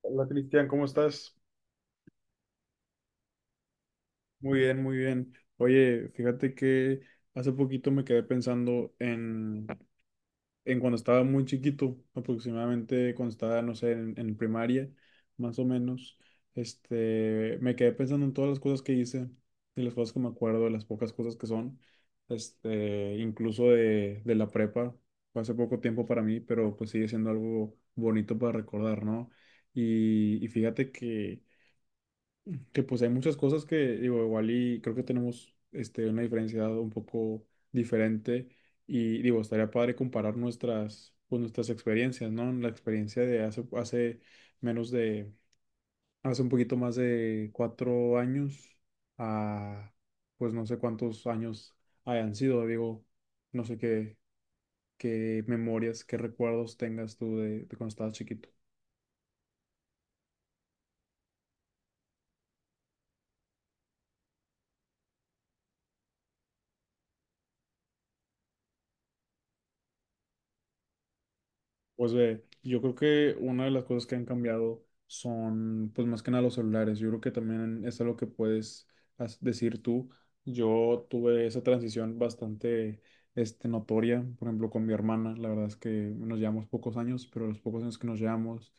Hola Cristian, ¿cómo estás? Muy bien, muy bien. Oye, fíjate que hace poquito me quedé pensando en cuando estaba muy chiquito, aproximadamente cuando estaba, no sé, en primaria, más o menos. Me quedé pensando en todas las cosas que hice y las cosas que me acuerdo, de las pocas cosas que son. Incluso de la prepa, fue hace poco tiempo para mí, pero pues sigue siendo algo bonito para recordar, ¿no? Y fíjate que pues hay muchas cosas que, digo, igual y creo que tenemos este, una diferencia un poco diferente y digo, estaría padre comparar nuestras, pues, nuestras experiencias, ¿no? La experiencia de hace, hace menos de, hace un poquito más de cuatro años a, pues no sé cuántos años hayan sido, digo, no sé qué, qué memorias, qué recuerdos tengas tú de cuando estabas chiquito. Pues ve, yo creo que una de las cosas que han cambiado son, pues más que nada los celulares. Yo creo que también es algo que puedes decir tú. Yo tuve esa transición bastante, notoria, por ejemplo, con mi hermana. La verdad es que nos llevamos pocos años, pero los pocos años que nos llevamos,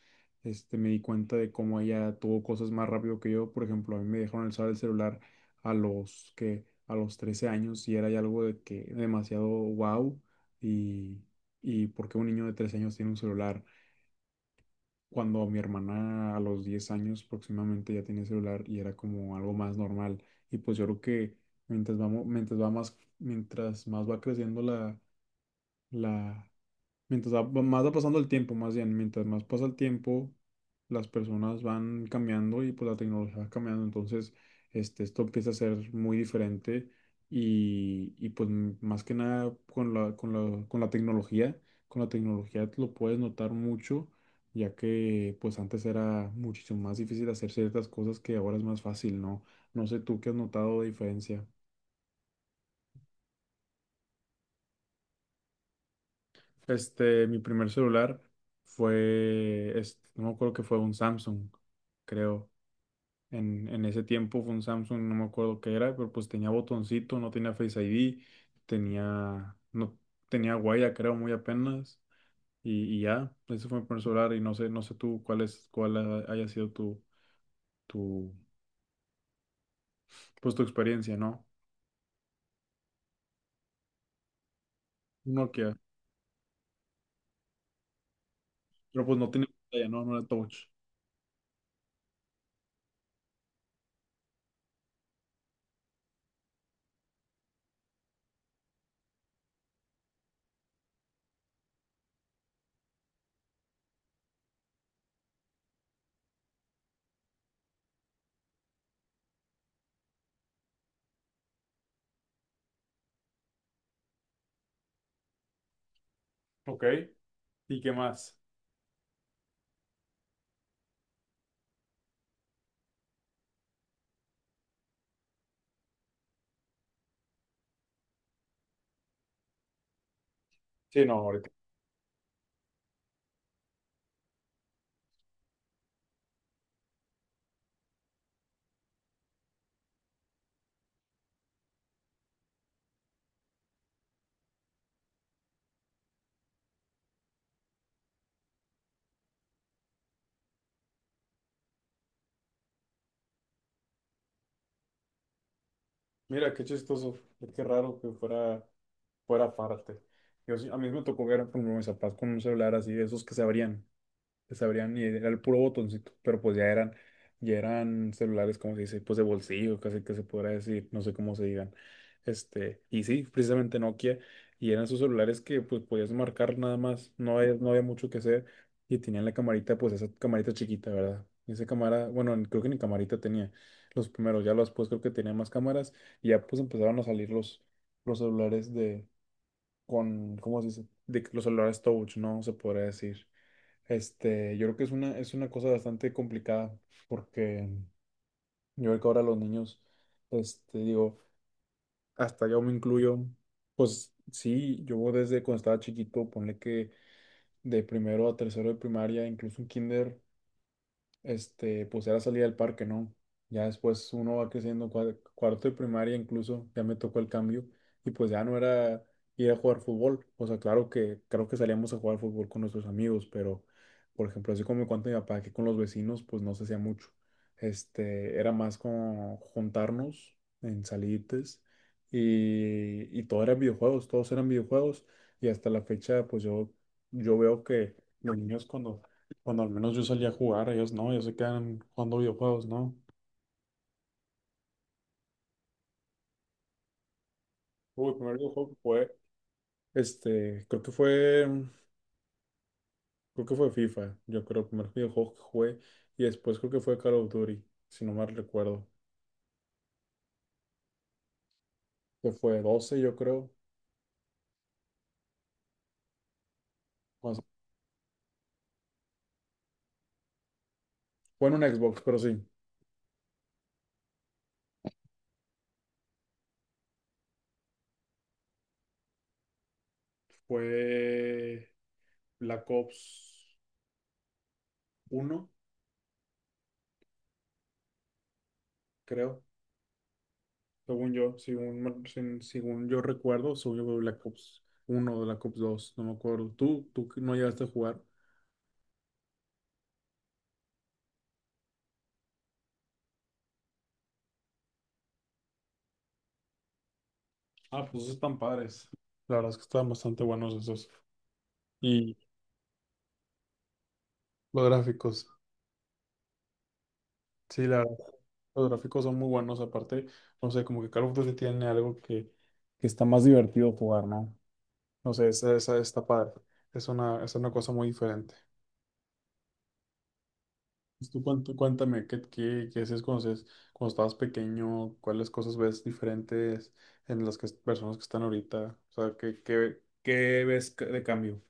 me di cuenta de cómo ella tuvo cosas más rápido que yo. Por ejemplo, a mí me dejaron usar el celular a los 13 años y era ya algo de que demasiado wow. y y por qué un niño de tres años tiene un celular cuando mi hermana a los 10 años próximamente ya tenía celular y era como algo más normal. Y pues yo creo que mientras vamos, mientras va más, mientras más va creciendo la, más va pasando el tiempo, más bien, mientras más pasa el tiempo, las personas van cambiando y pues la tecnología va cambiando. Entonces, esto empieza a ser muy diferente y pues más que nada con con la tecnología lo puedes notar mucho, ya que pues antes era muchísimo más difícil hacer ciertas cosas que ahora es más fácil, ¿no? No sé tú qué has notado de diferencia. Mi primer celular fue, no me acuerdo que fue un Samsung, creo. En ese tiempo fue un Samsung, no me acuerdo qué era, pero pues tenía botoncito, no tenía Face ID, tenía, no, tenía huella, creo, muy apenas. Y ya, ese fue mi primer celular y no sé, no sé tú cuál es, haya sido tu, pues tu experiencia, ¿no? Un Nokia, pero pues no tiene pantalla, ¿no? No era touch. Ok, ¿y qué más? Sí, no, ahorita. Mira, qué chistoso, pues, qué raro que fuera, fuera parte. A mí me tocó ver como mis papás con un celular así, de esos que se abrían les abrían y era el puro botoncito, pero pues ya eran celulares, como se dice, pues de bolsillo, casi que se podrá decir, no sé cómo se digan. Y sí, precisamente Nokia, y eran sus celulares que pues podías marcar nada más, no había, no había mucho que hacer, y tenían la camarita, pues esa camarita chiquita, ¿verdad? Esa cámara, bueno, creo que ni camarita tenía los primeros, ya los después creo que tenían más cámaras, y ya pues empezaron a salir los celulares de, con, ¿cómo se dice? De que los celulares touch, ¿no? Se podría decir. Yo creo que es una cosa bastante complicada porque yo creo que ahora los niños, digo, hasta yo me incluyo, pues sí, yo desde cuando estaba chiquito, ponle que de primero a tercero de primaria, incluso en kinder, pues era salir al parque, ¿no? Ya después uno va creciendo, cuarto y primaria incluso, ya me tocó el cambio y pues ya no era ir a jugar fútbol. O sea, claro que salíamos a jugar fútbol con nuestros amigos, pero por ejemplo, así como me cuenta mi papá que con los vecinos, pues no se hacía mucho. Era más como juntarnos en salites y todo eran videojuegos, todos eran videojuegos y hasta la fecha, pues yo veo que los niños cuando al menos yo salía a jugar, ellos no, ellos se quedan jugando videojuegos, ¿no? Uy, el primer videojuego que jugué, creo que fue, creo que fue FIFA, yo creo, el primer videojuego que jugué, y después creo que fue Call of Duty, si no mal recuerdo, que fue 12, yo creo, o sea, fue en un Xbox, pero sí, fue Black Ops uno creo, según yo, según yo recuerdo, según yo fue Black Ops 1 o Black Ops 2 no me acuerdo, tú no llegaste a jugar? Ah, pues están padres. La verdad es que están bastante buenos esos. Y los gráficos. Sí, la verdad, los gráficos son muy buenos. Aparte, no sé, como que Call of Duty tiene algo que está más divertido jugar, ¿no? No sé, esa está padre. Es una cosa muy diferente. Pues tú cuéntame, ¿qué, qué, qué hacías cuando, cuando estabas pequeño? ¿Cuáles cosas ves diferentes en las que, personas que están ahorita? O sea, ¿qué, qué, qué ves de cambio?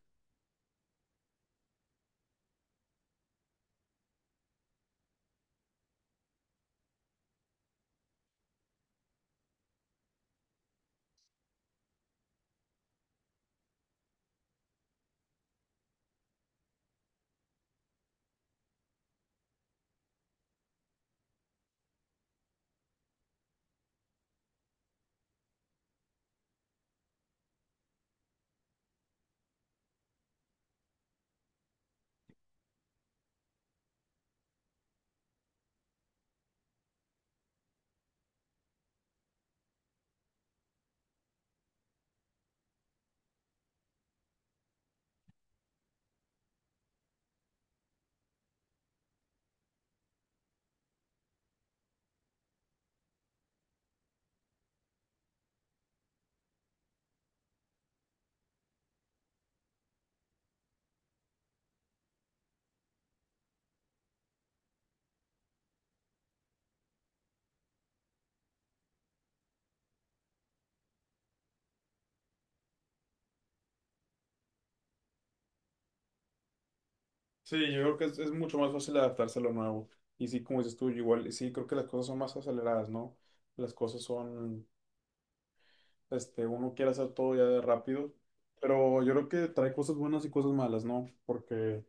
Sí, yo creo que es mucho más fácil adaptarse a lo nuevo. Y sí, como dices tú, yo igual, sí, creo que las cosas son más aceleradas, ¿no? Las cosas son, uno quiere hacer todo ya de rápido, pero yo creo que trae cosas buenas y cosas malas, ¿no? Porque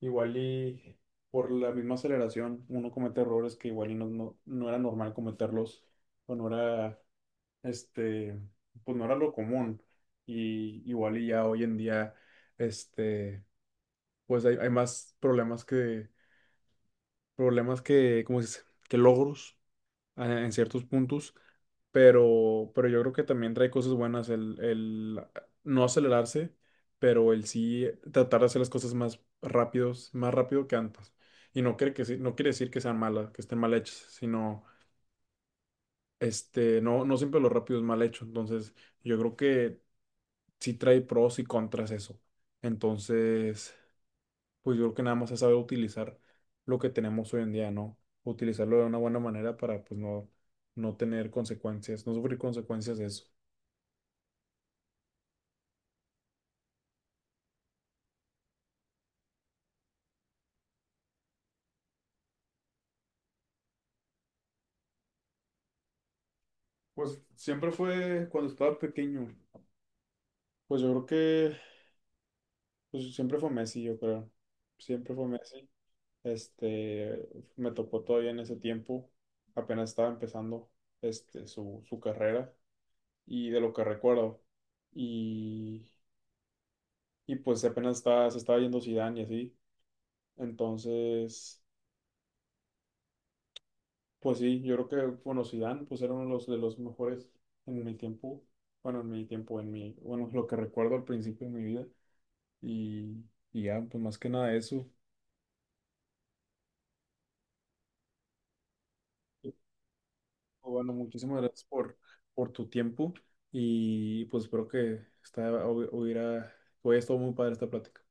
igual y por la misma aceleración uno comete errores que igual y no, no, no era normal cometerlos, o no era, este, pues no era lo común. Y igual y ya hoy en día, este, pues hay más problemas que, ¿cómo se dice? Que logros en ciertos puntos, pero yo creo que también trae cosas buenas el no acelerarse, pero el sí tratar de hacer las cosas más rápidos, más rápido que antes. Y no quiere, no quiere decir que sean malas, que estén mal hechas, sino no, no siempre lo rápido es mal hecho. Entonces, yo creo que sí trae pros y contras eso. Entonces, pues yo creo que nada más es saber utilizar lo que tenemos hoy en día, ¿no? Utilizarlo de una buena manera para pues no, no tener consecuencias, no sufrir consecuencias de eso. Pues siempre fue cuando estaba pequeño. Pues yo creo que pues, siempre fue Messi, yo creo. Siempre fue Messi. Este, Me tocó todavía en ese tiempo. Apenas estaba empezando su carrera y de lo que recuerdo. Y, y pues apenas estaba, se estaba yendo Zidane y así. Entonces, pues sí, yo creo que, bueno, Zidane, pues era uno de los mejores en mi tiempo, bueno, en mi tiempo, en mi, bueno, lo que recuerdo al principio de mi vida, y, y ya, pues más que nada eso, bueno, muchísimas gracias por tu tiempo, y pues espero que esta, hubiera, hubiera estado muy padre esta plática.